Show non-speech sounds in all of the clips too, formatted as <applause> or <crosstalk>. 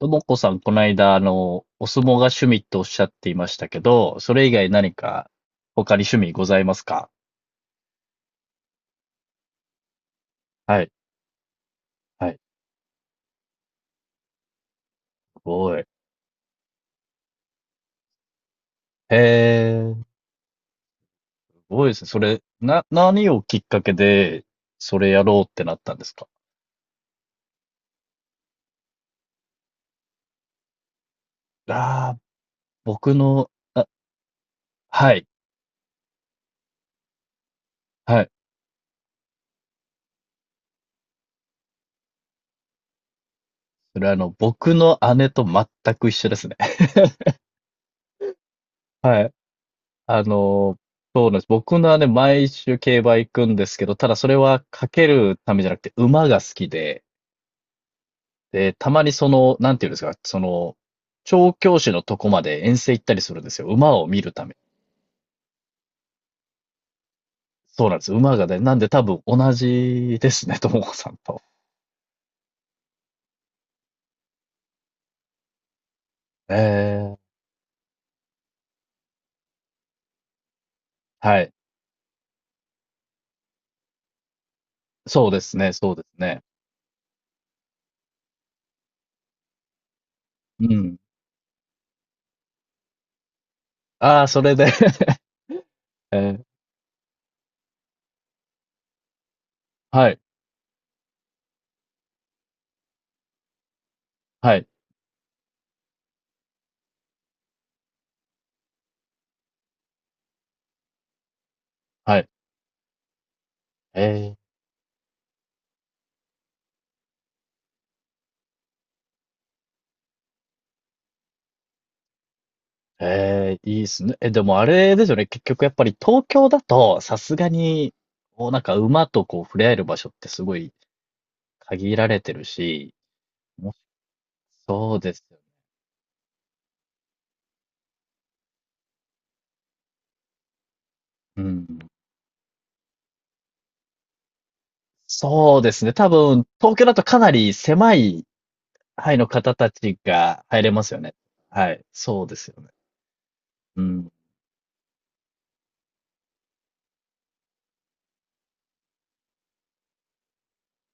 ともこさん、この間、お相撲が趣味とおっしゃっていましたけど、それ以外何か他に趣味ございますか？はい、はい、すごい。へえ、すごいですね。それ、な、何をきっかけで、それやろうってなったんですか？ああー、僕の、あ、はい、はい。それ僕の姉と全く一緒ですね。<laughs> はい。あの、そうなんです。僕の姉、毎週競馬行くんですけど、ただそれはかけるためじゃなくて、馬が好きで、で、たまになんていうんですか、調教師のとこまで遠征行ったりするんですよ。馬を見るため。そうなんです。馬がね、なんで多分同じですね、<laughs> ともこさんと。えー、はい。そうですね、そうですね。うん。ああ、それで。 <laughs> えー、<laughs> はい、はい、はい。えー、えー、いいですね。え、でもあれですよね。結局やっぱり東京だと、さすがに、こうなんか馬とこう触れ合える場所ってすごい限られてるし、もそうですよね。うん。そうですね。多分、東京だとかなり狭い範囲の方たちが入れますよね。はい。そうですよね。うん。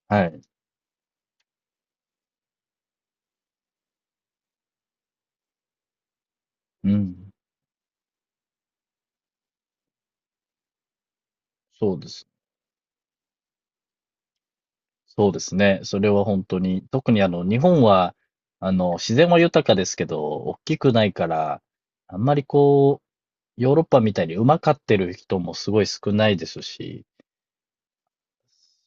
はい。うん。そうです。そうですね。それは本当に。特に日本は、自然は豊かですけど、大きくないから、あんまりこう、ヨーロッパみたいに馬飼ってる人もすごい少ないですし、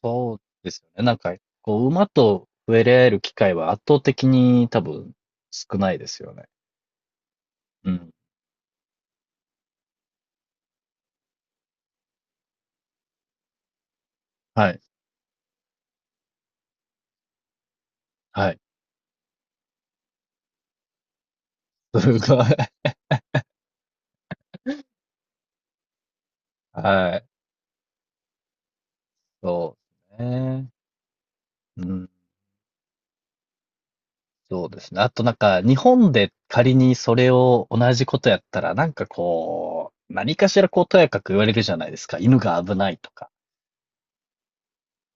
そうですよね。なんか、こう、馬と触れ合える機会は圧倒的に多分少ないですよね。うん。はい。はい。<laughs> すごい。はい。そうですね。うん、そうですね。あとなんか、日本で仮にそれを同じことやったら、なんかこう、何かしらこう、とやかく言われるじゃないですか。犬が危ないとか、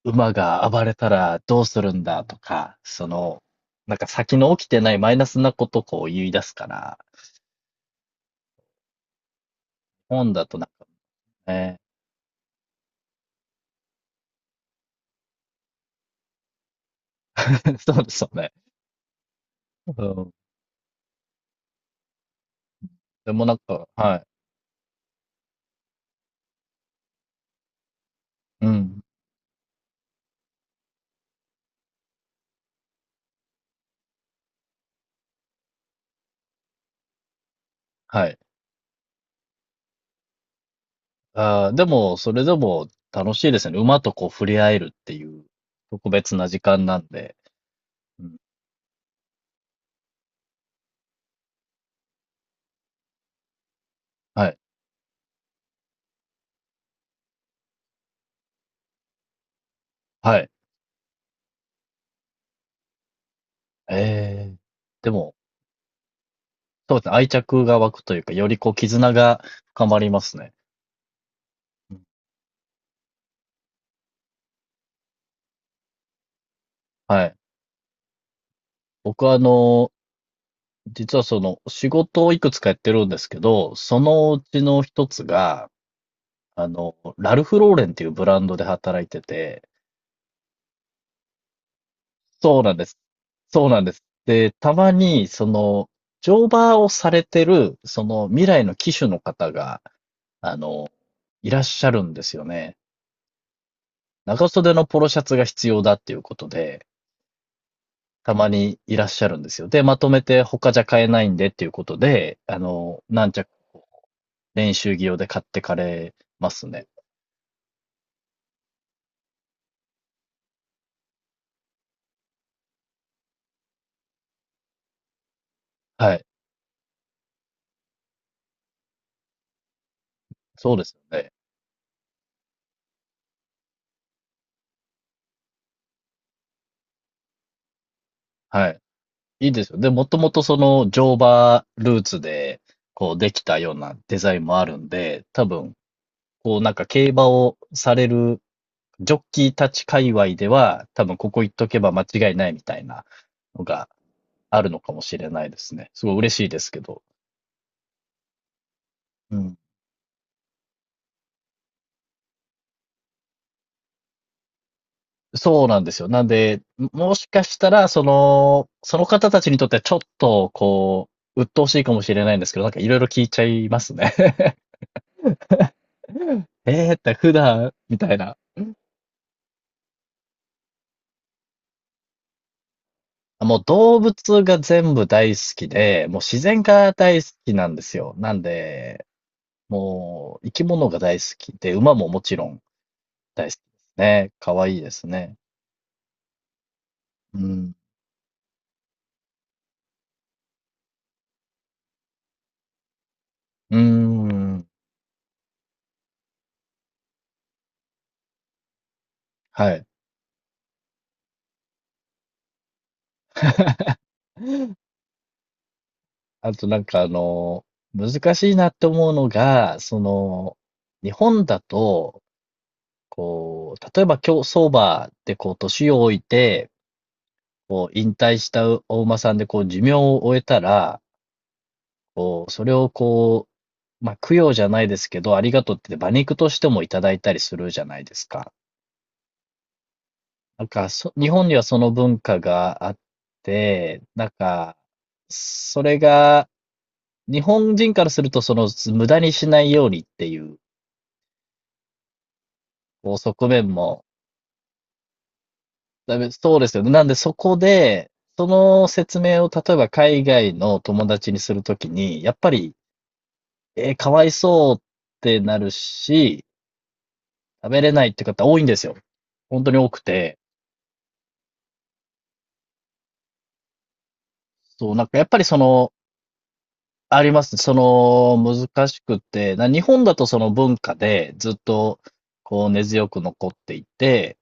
馬が暴れたらどうするんだとか、なんか先の起きてないマイナスなことをこう言い出すから、日本だとなんかね。<laughs> そうですよね。うん。でもなんか、はい。うん。はい。ああ、でも、それでも楽しいですね。馬とこう触れ合えるっていう特別な時間なんで。うん、はい。はい。ええ。でも、そうですね、愛着が湧くというか、よりこう絆が深まりますね。うん、はい。僕は実はその仕事をいくつかやってるんですけど、そのうちの一つが、ラルフローレンっていうブランドで働いててそうなんです。そうなんです。で、たまに、乗馬をされてる、その未来の騎手の方が、あの、いらっしゃるんですよね。長袖のポロシャツが必要だっていうことで、たまにいらっしゃるんですよ。で、まとめて他じゃ買えないんでっていうことで、何着、練習着用で買ってかれますね。はい。そうですよね。はい。いいですよ。で、もともとその乗馬ルーツで、こうできたようなデザインもあるんで、多分、こうなんか競馬をされるジョッキーたち界隈では、多分ここ行っとけば間違いないみたいなのがあるのかもしれないですね。すごい嬉しいですけど。うん。そうなんですよ。なんで、もしかしたら、その、その方たちにとってはちょっと、こう、鬱陶しいかもしれないんですけど、なんかいろいろ聞いちゃいますね。<laughs> えーって普段、みたいな。もう動物が全部大好きで、もう自然が大好きなんですよ。なんで、もう生き物が大好きで、馬ももちろん大好きですね。可愛いですね。うん。うーん。はい。<laughs> あとなんか難しいなって思うのが、日本だと、こう、例えば競走馬でこう、年を置いて、こう、引退したお馬さんでこう、寿命を終えたら、こう、それをこう、まあ、供養じゃないですけど、ありがとうって馬肉としてもいただいたりするじゃないですか。なんか、そ、日本にはその文化があって、なんか、それが、日本人からすると、無駄にしないようにっていう、こう、側面も、だめそうですよね。なんで、そこで、その説明を、例えば海外の友達にするときに、やっぱり、えーかわいそうってなるし、食べれないって方多いんですよ。本当に多くて。そう、なんかやっぱりその、ありますね。その、難しくて、な日本だとその文化でずっと、こう根強く残っていて、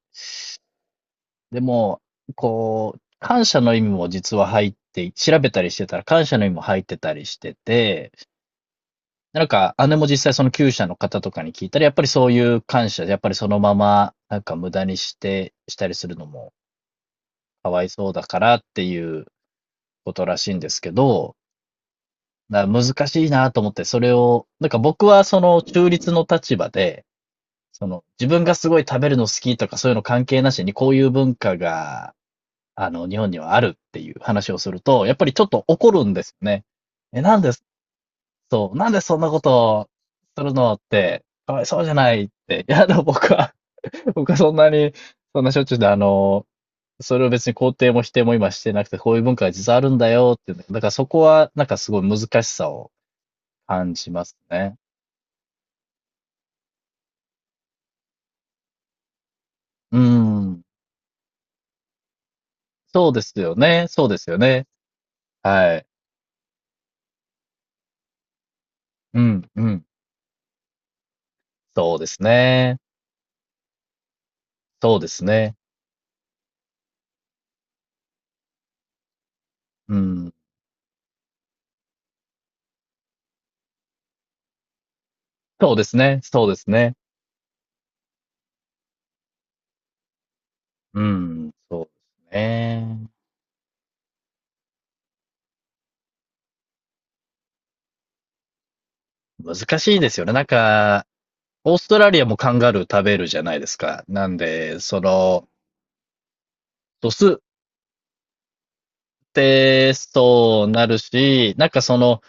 でも、こう、感謝の意味も実は入って調べたりしてたら感謝の意味も入ってたりしてて、なんか姉も実際そのきゅうしゃの方とかに聞いたら、やっぱりそういう感謝、やっぱりそのまま、なんか無駄にしてしたりするのもかわいそうだからっていうことらしいんですけどだから難しいなと思って、それを、なんか僕はその中立の立場で、その自分がすごい食べるの好きとかそういうの関係なしにこういう文化が、日本にはあるっていう話をすると、やっぱりちょっと怒るんですよね。え、なんで、そう、なんでそんなことするのって、かわいそうじゃないって。いや、でも僕は、僕はそんなに、そんなしょっちゅうで、それを別に肯定も否定も今してなくて、こういう文化が実はあるんだよっていうの。だからそこは、なんかすごい難しさを感じますね。うーん。そうですよね。そうですよね。はい。うん、うん。そうですね。そうですね。うん。そうですね。そうですね。うん。そうですね。難しいですよね。なんか、オーストラリアもカンガルー食べるじゃないですか。なんで、ドスってそうなるし、なんかその、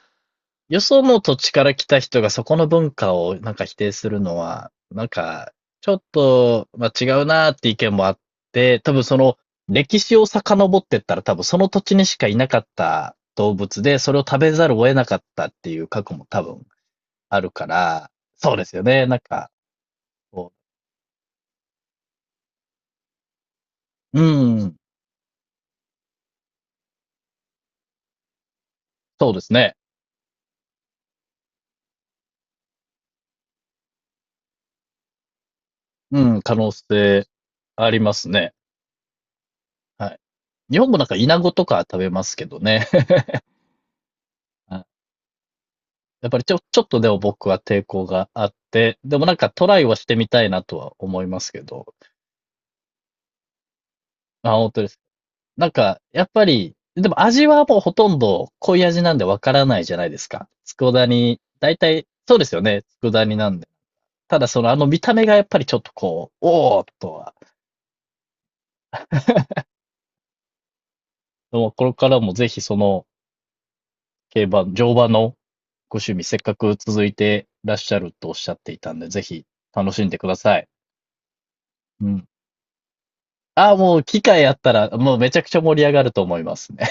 よその土地から来た人がそこの文化をなんか否定するのは、なんか、ちょっと、まあ、違うなーって意見もあって、多分その歴史を遡ってったら多分その土地にしかいなかった動物で、それを食べざるを得なかったっていう過去も多分あるから、そうですよね。なんか、こう、うん、そうですね。うん、可能性ありますね。はい。日本もなんかイナゴとか食べますけどね。<laughs> やっぱりちょっとでも僕は抵抗があって、でもなんかトライはしてみたいなとは思いますけど。あ、本当です。なんか、やっぱり、でも味はもうほとんど濃い味なんでわからないじゃないですか。佃煮、大体、そうですよね。佃煮なんで。ただそのあの見た目がやっぱりちょっとこう、おーっとは。でもこれからもぜひその競馬、乗馬のご趣味せっかく続いてらっしゃるとおっしゃっていたんで、ぜひ楽しんでください。うん。ああ、もう機会あったら、もうめちゃくちゃ盛り上がると思いますね